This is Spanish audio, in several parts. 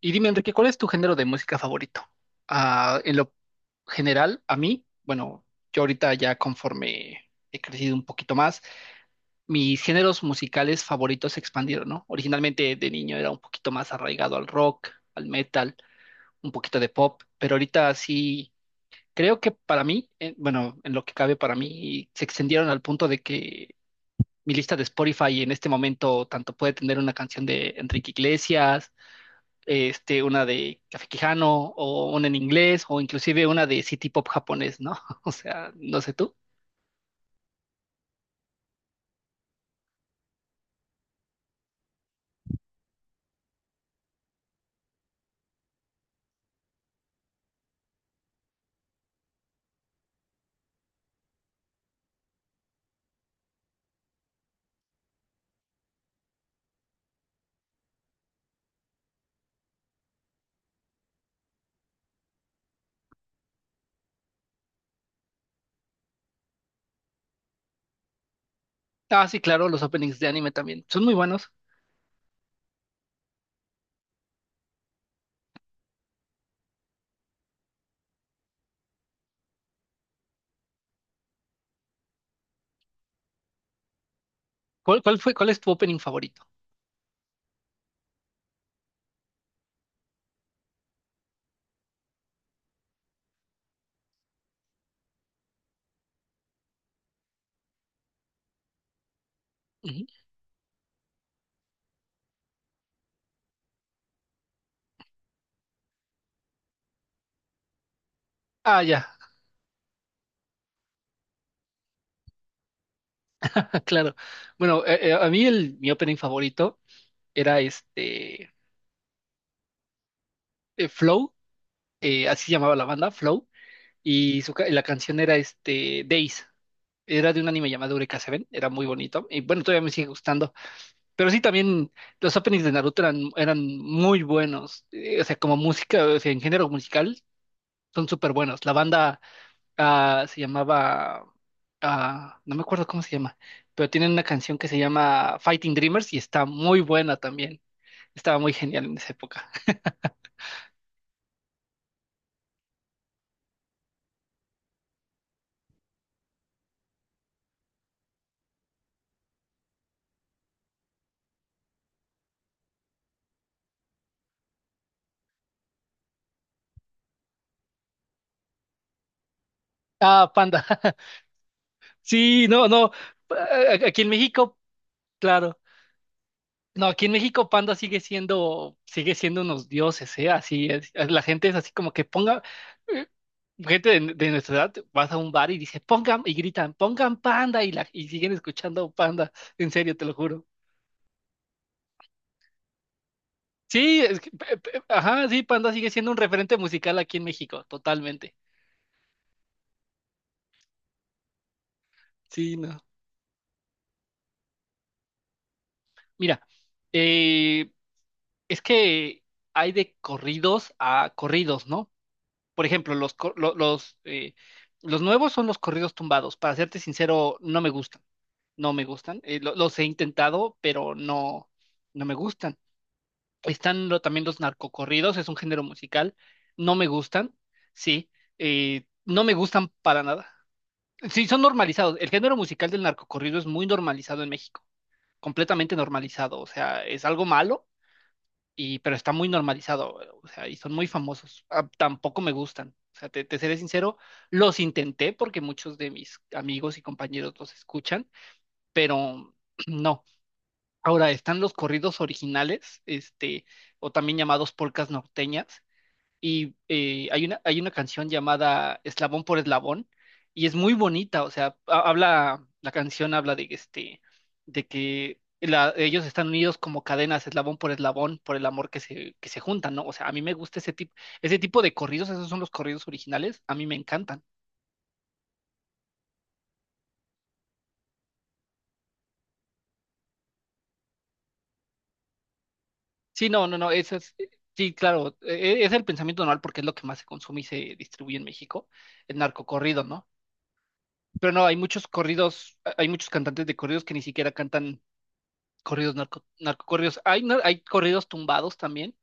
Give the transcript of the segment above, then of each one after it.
Y dime, Enrique, ¿cuál es tu género de música favorito? Ah, en lo general, a mí, bueno, yo ahorita ya conforme he crecido un poquito más, mis géneros musicales favoritos se expandieron, ¿no? Originalmente de niño era un poquito más arraigado al rock, al metal, un poquito de pop, pero ahorita sí, creo que para mí, bueno, en lo que cabe para mí, se extendieron al punto de que mi lista de Spotify en este momento tanto puede tener una canción de Enrique Iglesias, una de Café Quijano, o una en inglés, o inclusive una de City Pop japonés, ¿no? O sea, no sé tú. Ah, sí, claro, los openings de anime también. Son muy buenos. ¿Cuál es tu opening favorito? Ujú. Ah, ya, claro. Bueno, a mí mi opening favorito era Flow, así llamaba la banda, Flow, y la canción era Days. Era de un anime llamado Eureka Seven, era muy bonito. Y bueno, todavía me sigue gustando. Pero sí, también los openings de Naruto eran muy buenos. O sea, como música, o sea, en género musical, son súper buenos. La banda se llamaba, no me acuerdo cómo se llama, pero tienen una canción que se llama Fighting Dreamers y está muy buena también. Estaba muy genial en esa época. Ah, Panda. Sí, no, no. Aquí en México, claro. No, aquí en México Panda sigue siendo unos dioses, ¿eh? Así es. La gente es así como que ponga. eh, Gente de nuestra edad, vas a un bar y dices, pongan, y gritan, pongan Panda, y siguen escuchando Panda, en serio, te lo juro. Sí, es que, ajá, sí, Panda sigue siendo un referente musical aquí en México, totalmente. Sí, no. Mira, eh, es que hay de corridos a corridos, ¿no? Por ejemplo, los nuevos son los corridos tumbados. Para serte sincero, no me gustan, no me gustan. Los he intentado, pero no, no me gustan. Están también los narcocorridos, es un género musical. No me gustan, sí. No me gustan para nada. Sí, son normalizados. El género musical del narcocorrido es muy normalizado en México, completamente normalizado. O sea, es algo malo, pero está muy normalizado. O sea, y son muy famosos. Ah, tampoco me gustan. O sea, te seré sincero, los intenté porque muchos de mis amigos y compañeros los escuchan, pero no. Ahora están los corridos originales, o también llamados polcas norteñas, y hay una canción llamada Eslabón por Eslabón, y es muy bonita, o sea, la canción habla de de que ellos están unidos como cadenas, eslabón por eslabón, por el amor que se juntan, ¿no? O sea, a mí me gusta ese tipo de corridos, esos son los corridos originales, a mí me encantan. Sí, no, no, no, eso es, sí, claro, es el pensamiento normal porque es lo que más se consume y se distribuye en México, el narcocorrido, ¿no? Pero no, hay muchos corridos, hay muchos cantantes de corridos que ni siquiera cantan corridos narcocorridos. Hay corridos tumbados también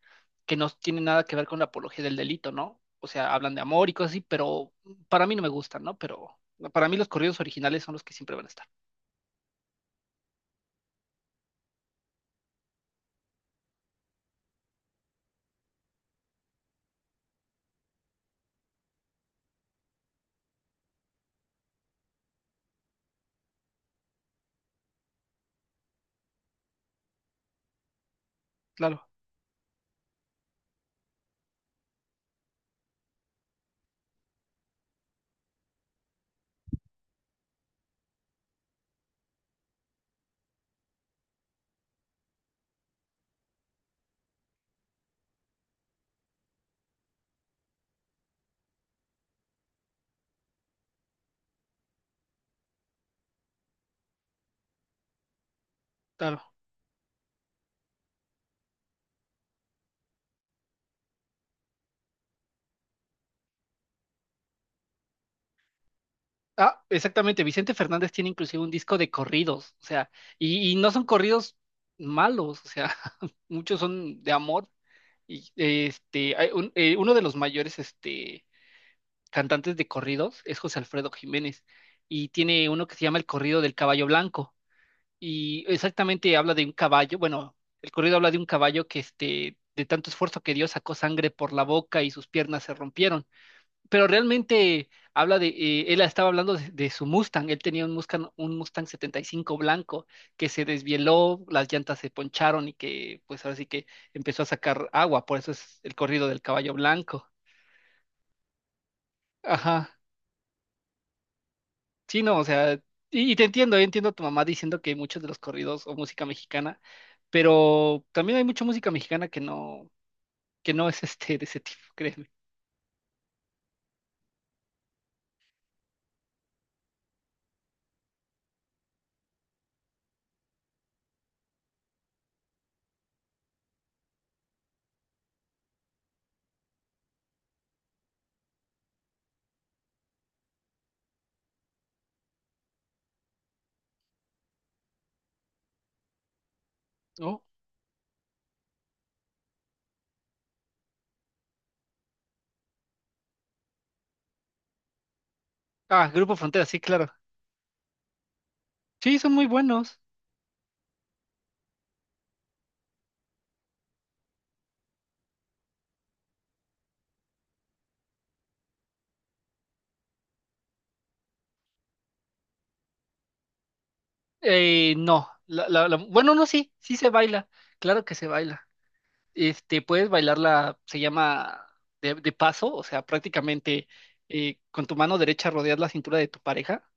que no tienen nada que ver con la apología del delito, ¿no? O sea, hablan de amor y cosas así, pero para mí no me gustan, ¿no? Pero para mí los corridos originales son los que siempre van a estar. Claro, claro. Ah, exactamente. Vicente Fernández tiene inclusive un disco de corridos, o sea, y no son corridos malos, o sea, muchos son de amor. Y uno de los mayores cantantes de corridos es José Alfredo Jiménez, y tiene uno que se llama El Corrido del Caballo Blanco, y exactamente habla de un caballo, bueno, el corrido habla de un caballo que de tanto esfuerzo que dio sacó sangre por la boca y sus piernas se rompieron pero realmente habla él estaba hablando de su Mustang, él tenía un Mustang 75 blanco que se desvieló, las llantas se poncharon y que pues ahora sí que empezó a sacar agua, por eso es el corrido del caballo blanco. Ajá, sí, no, o sea, y te entiendo, yo entiendo a tu mamá diciendo que muchos de los corridos o música mexicana, pero también hay mucha música mexicana que no es de ese tipo, créeme, ¿no? Ah, Grupo Frontera, sí, claro. Sí, son muy buenos. No, bueno, no, sí, sí se baila, claro que se baila. Puedes bailarla, se llama de paso, o sea, prácticamente con tu mano derecha rodeas la cintura de tu pareja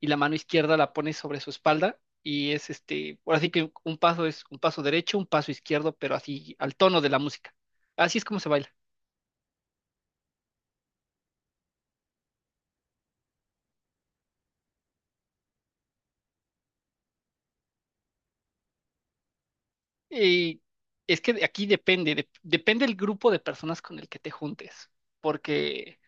y la mano izquierda la pones sobre su espalda y es ahora sí que un paso es un paso derecho, un paso izquierdo, pero así al tono de la música. Así es como se baila. Y es que aquí depende, depende el grupo de personas con el que te juntes, porque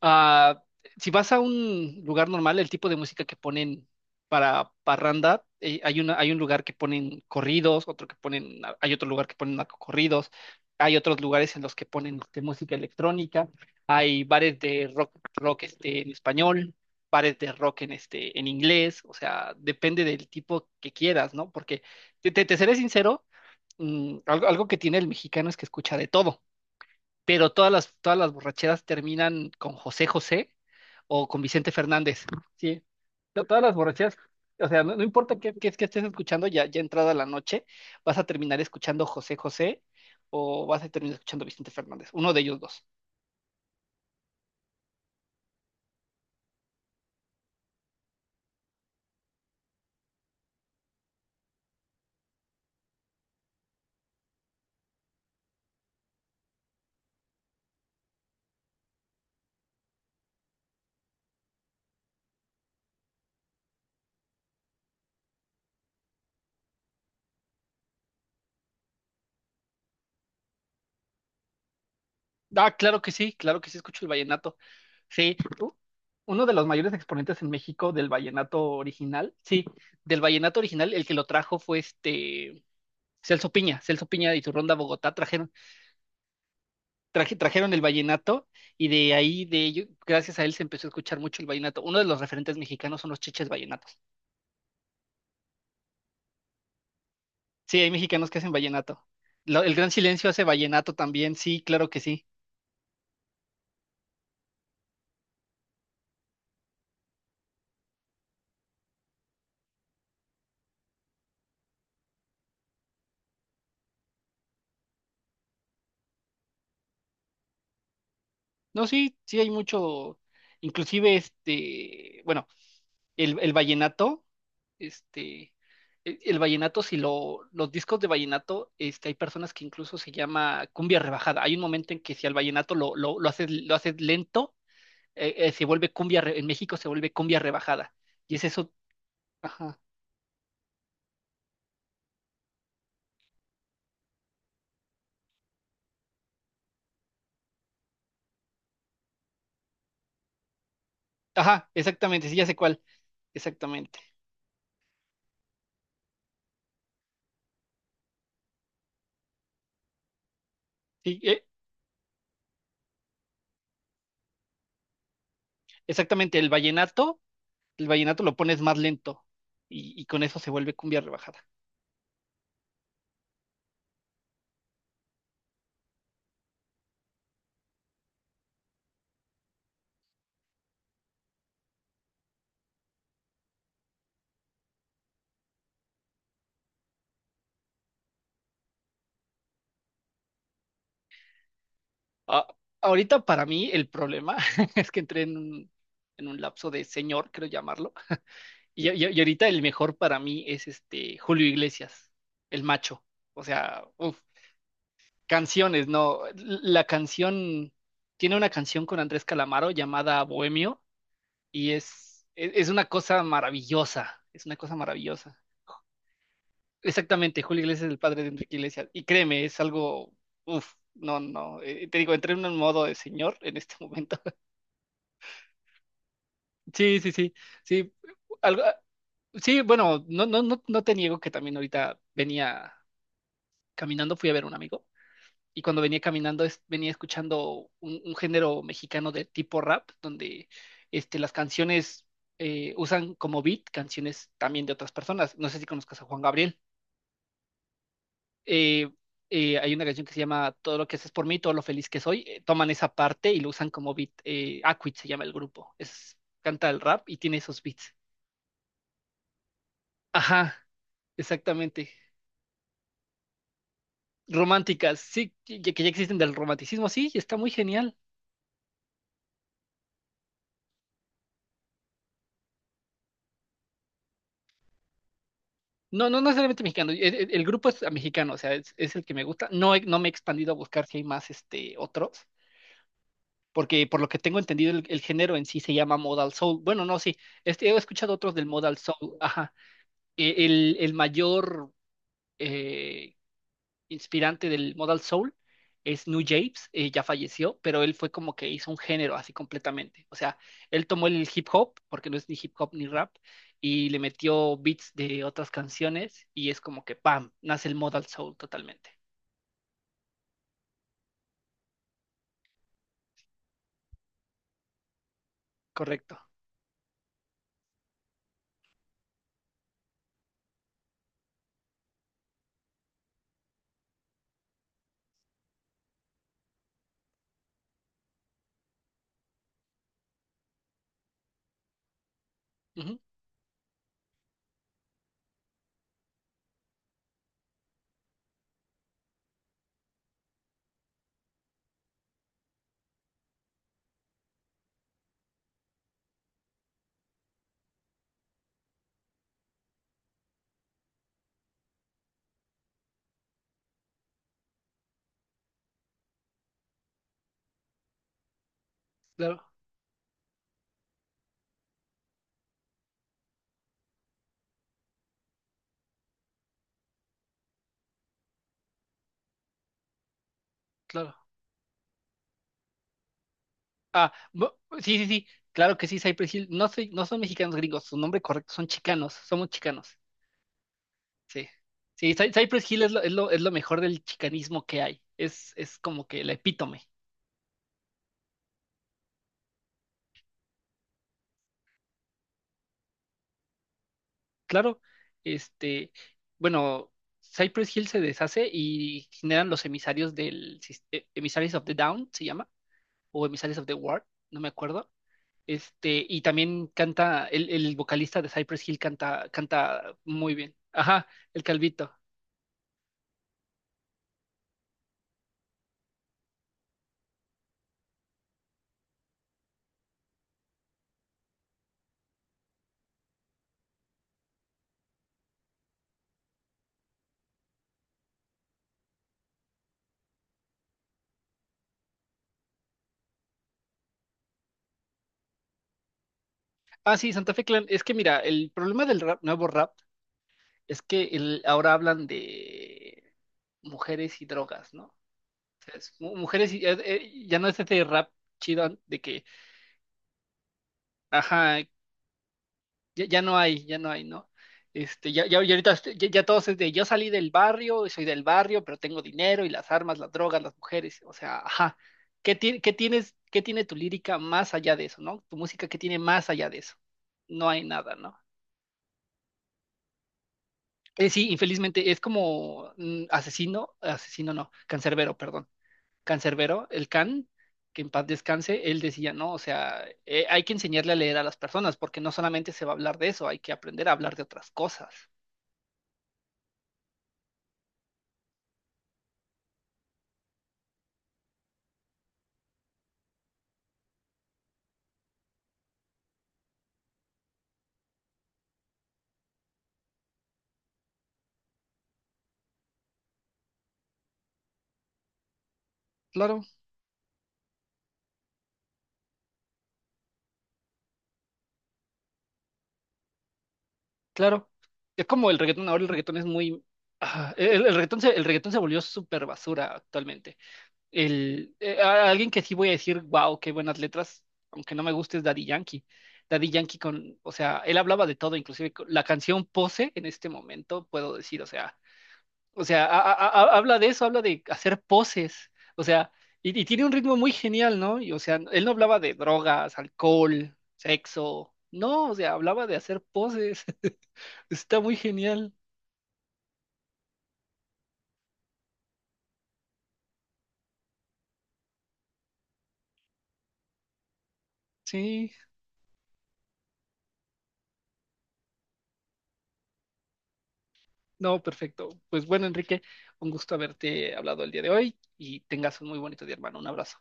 ah, si vas a un lugar normal, el tipo de música que ponen para parranda, hay un lugar que ponen corridos, hay otro lugar que ponen narcocorridos, hay otros lugares en los que ponen música electrónica, hay bares de rock, rock en español, bares de rock en inglés, o sea, depende del tipo que quieras, ¿no? Porque te seré sincero, algo que tiene el mexicano es que escucha de todo pero todas las borracheras terminan con José José o con Vicente Fernández. Sí, todas las borracheras, o sea, no, no importa qué es que estés escuchando, ya entrada la noche, vas a terminar escuchando José José o vas a terminar escuchando Vicente Fernández, uno de ellos dos. Ah, claro que sí, escucho el vallenato. Sí, uno de los mayores exponentes en México del vallenato original, sí, del vallenato original, el que lo trajo fue Celso Piña, Celso Piña y su Ronda Bogotá trajeron el vallenato y de ello, gracias a él se empezó a escuchar mucho el vallenato. Uno de los referentes mexicanos son los chiches vallenatos. Sí, hay mexicanos que hacen vallenato. El Gran Silencio hace vallenato también, sí, claro que sí. No, sí, sí hay mucho, inclusive bueno, el vallenato, este, el vallenato, si los discos de vallenato, hay personas que incluso se llama cumbia rebajada. Hay un momento en que si al vallenato lo haces lento, se vuelve cumbia, en México se vuelve cumbia rebajada. Y es eso, ajá, ajá, exactamente, sí, ya sé cuál, exactamente. Sí, exactamente, el vallenato, lo pones más lento y con eso se vuelve cumbia rebajada. Ah, ahorita para mí el problema es que entré en en un lapso de señor, creo llamarlo, y ahorita el mejor para mí es Julio Iglesias, el macho. O sea, uff, Canciones, no. La canción, tiene una canción con Andrés Calamaro llamada Bohemio y es una cosa maravillosa, es una cosa maravillosa. Exactamente, Julio Iglesias es el padre de Enrique Iglesias y créeme, es algo, uff no, no, te digo, entré en un modo de señor en este momento. Sí, sí, sí, sí, algo, sí, bueno, no, no, no, no te niego que también ahorita venía caminando, fui a ver a un amigo y cuando venía caminando venía escuchando un género mexicano de tipo rap, donde las canciones usan como beat canciones también de otras personas. No sé si conozcas a Juan Gabriel. Eh, Hay una canción que se llama Todo lo que haces por mí, todo lo feliz que soy. Toman esa parte y lo usan como beat. Acquit se llama el grupo. Canta el rap y tiene esos beats. Ajá, exactamente. Románticas, sí, que ya existen del romanticismo, sí, y está muy genial. No, no necesariamente mexicano. El grupo es mexicano, o sea, es el que me gusta. No, no me he expandido a buscar si hay más otros, porque por lo que tengo entendido, el género en sí se llama Modal Soul. Bueno, no, sí, he escuchado otros del Modal Soul. Ajá. El mayor eh, inspirante del Modal Soul es New Japes, ya falleció, pero él fue como que hizo un género así completamente. O sea, él tomó el hip hop, porque no es ni hip hop ni rap, y le metió beats de otras canciones y es como que, ¡pam!, nace el Modal Soul totalmente. Correcto. Ujú, claro, claro. Ah, sí, sí, sí, claro que sí, Cypress Hill. No son mexicanos gringos, su nombre correcto son chicanos, somos chicanos. Sí. Sí, Cypress Hill es lo mejor del chicanismo que hay. Es como que el epítome. Claro, este, bueno, Cypress Hill se deshace y generan los emisarios Emissaries of the Down, se llama, o Emissaries of the Ward, no me acuerdo. Y también el vocalista de Cypress Hill canta, canta muy bien. Ajá, el calvito. Ah, sí, Santa Fe Clan. Es que mira, el problema del nuevo rap es que ahora hablan de mujeres y drogas, ¿no? O sea, es mujeres y ya no es ese rap chido de que... Ajá, Ya no hay, ya no hay, ¿no? Ahorita ya todos es de yo salí del barrio y soy del barrio, pero tengo dinero y las armas, las drogas, las mujeres. O sea, ajá. ¿Qué tiene tu lírica más allá de eso, ¿no? Tu música, ¿qué tiene más allá de eso? No hay nada, ¿no? Sí, infelizmente es como asesino, asesino no, cancerbero, perdón. Cancerbero, el can, que en paz descanse, él decía, ¿no? O sea, hay que enseñarle a leer a las personas, porque no solamente se va a hablar de eso, hay que aprender a hablar de otras cosas. Claro. Claro, es como el reggaetón, ahora el reggaetón es muy... El reggaetón se volvió súper basura actualmente. Alguien que sí voy a decir, wow, qué buenas letras, aunque no me guste, es Daddy Yankee. Daddy Yankee o sea, él hablaba de todo, inclusive con la canción Pose en este momento, puedo decir, o sea, habla de eso, habla de hacer poses, o sea, y tiene un ritmo muy genial, ¿no? Y, o sea, él no hablaba de drogas, alcohol, sexo, no, o sea, hablaba de hacer poses. Está muy genial. Sí, no, perfecto. Pues bueno, Enrique, un gusto haberte hablado el día de hoy y tengas un muy bonito día, hermano. Un abrazo.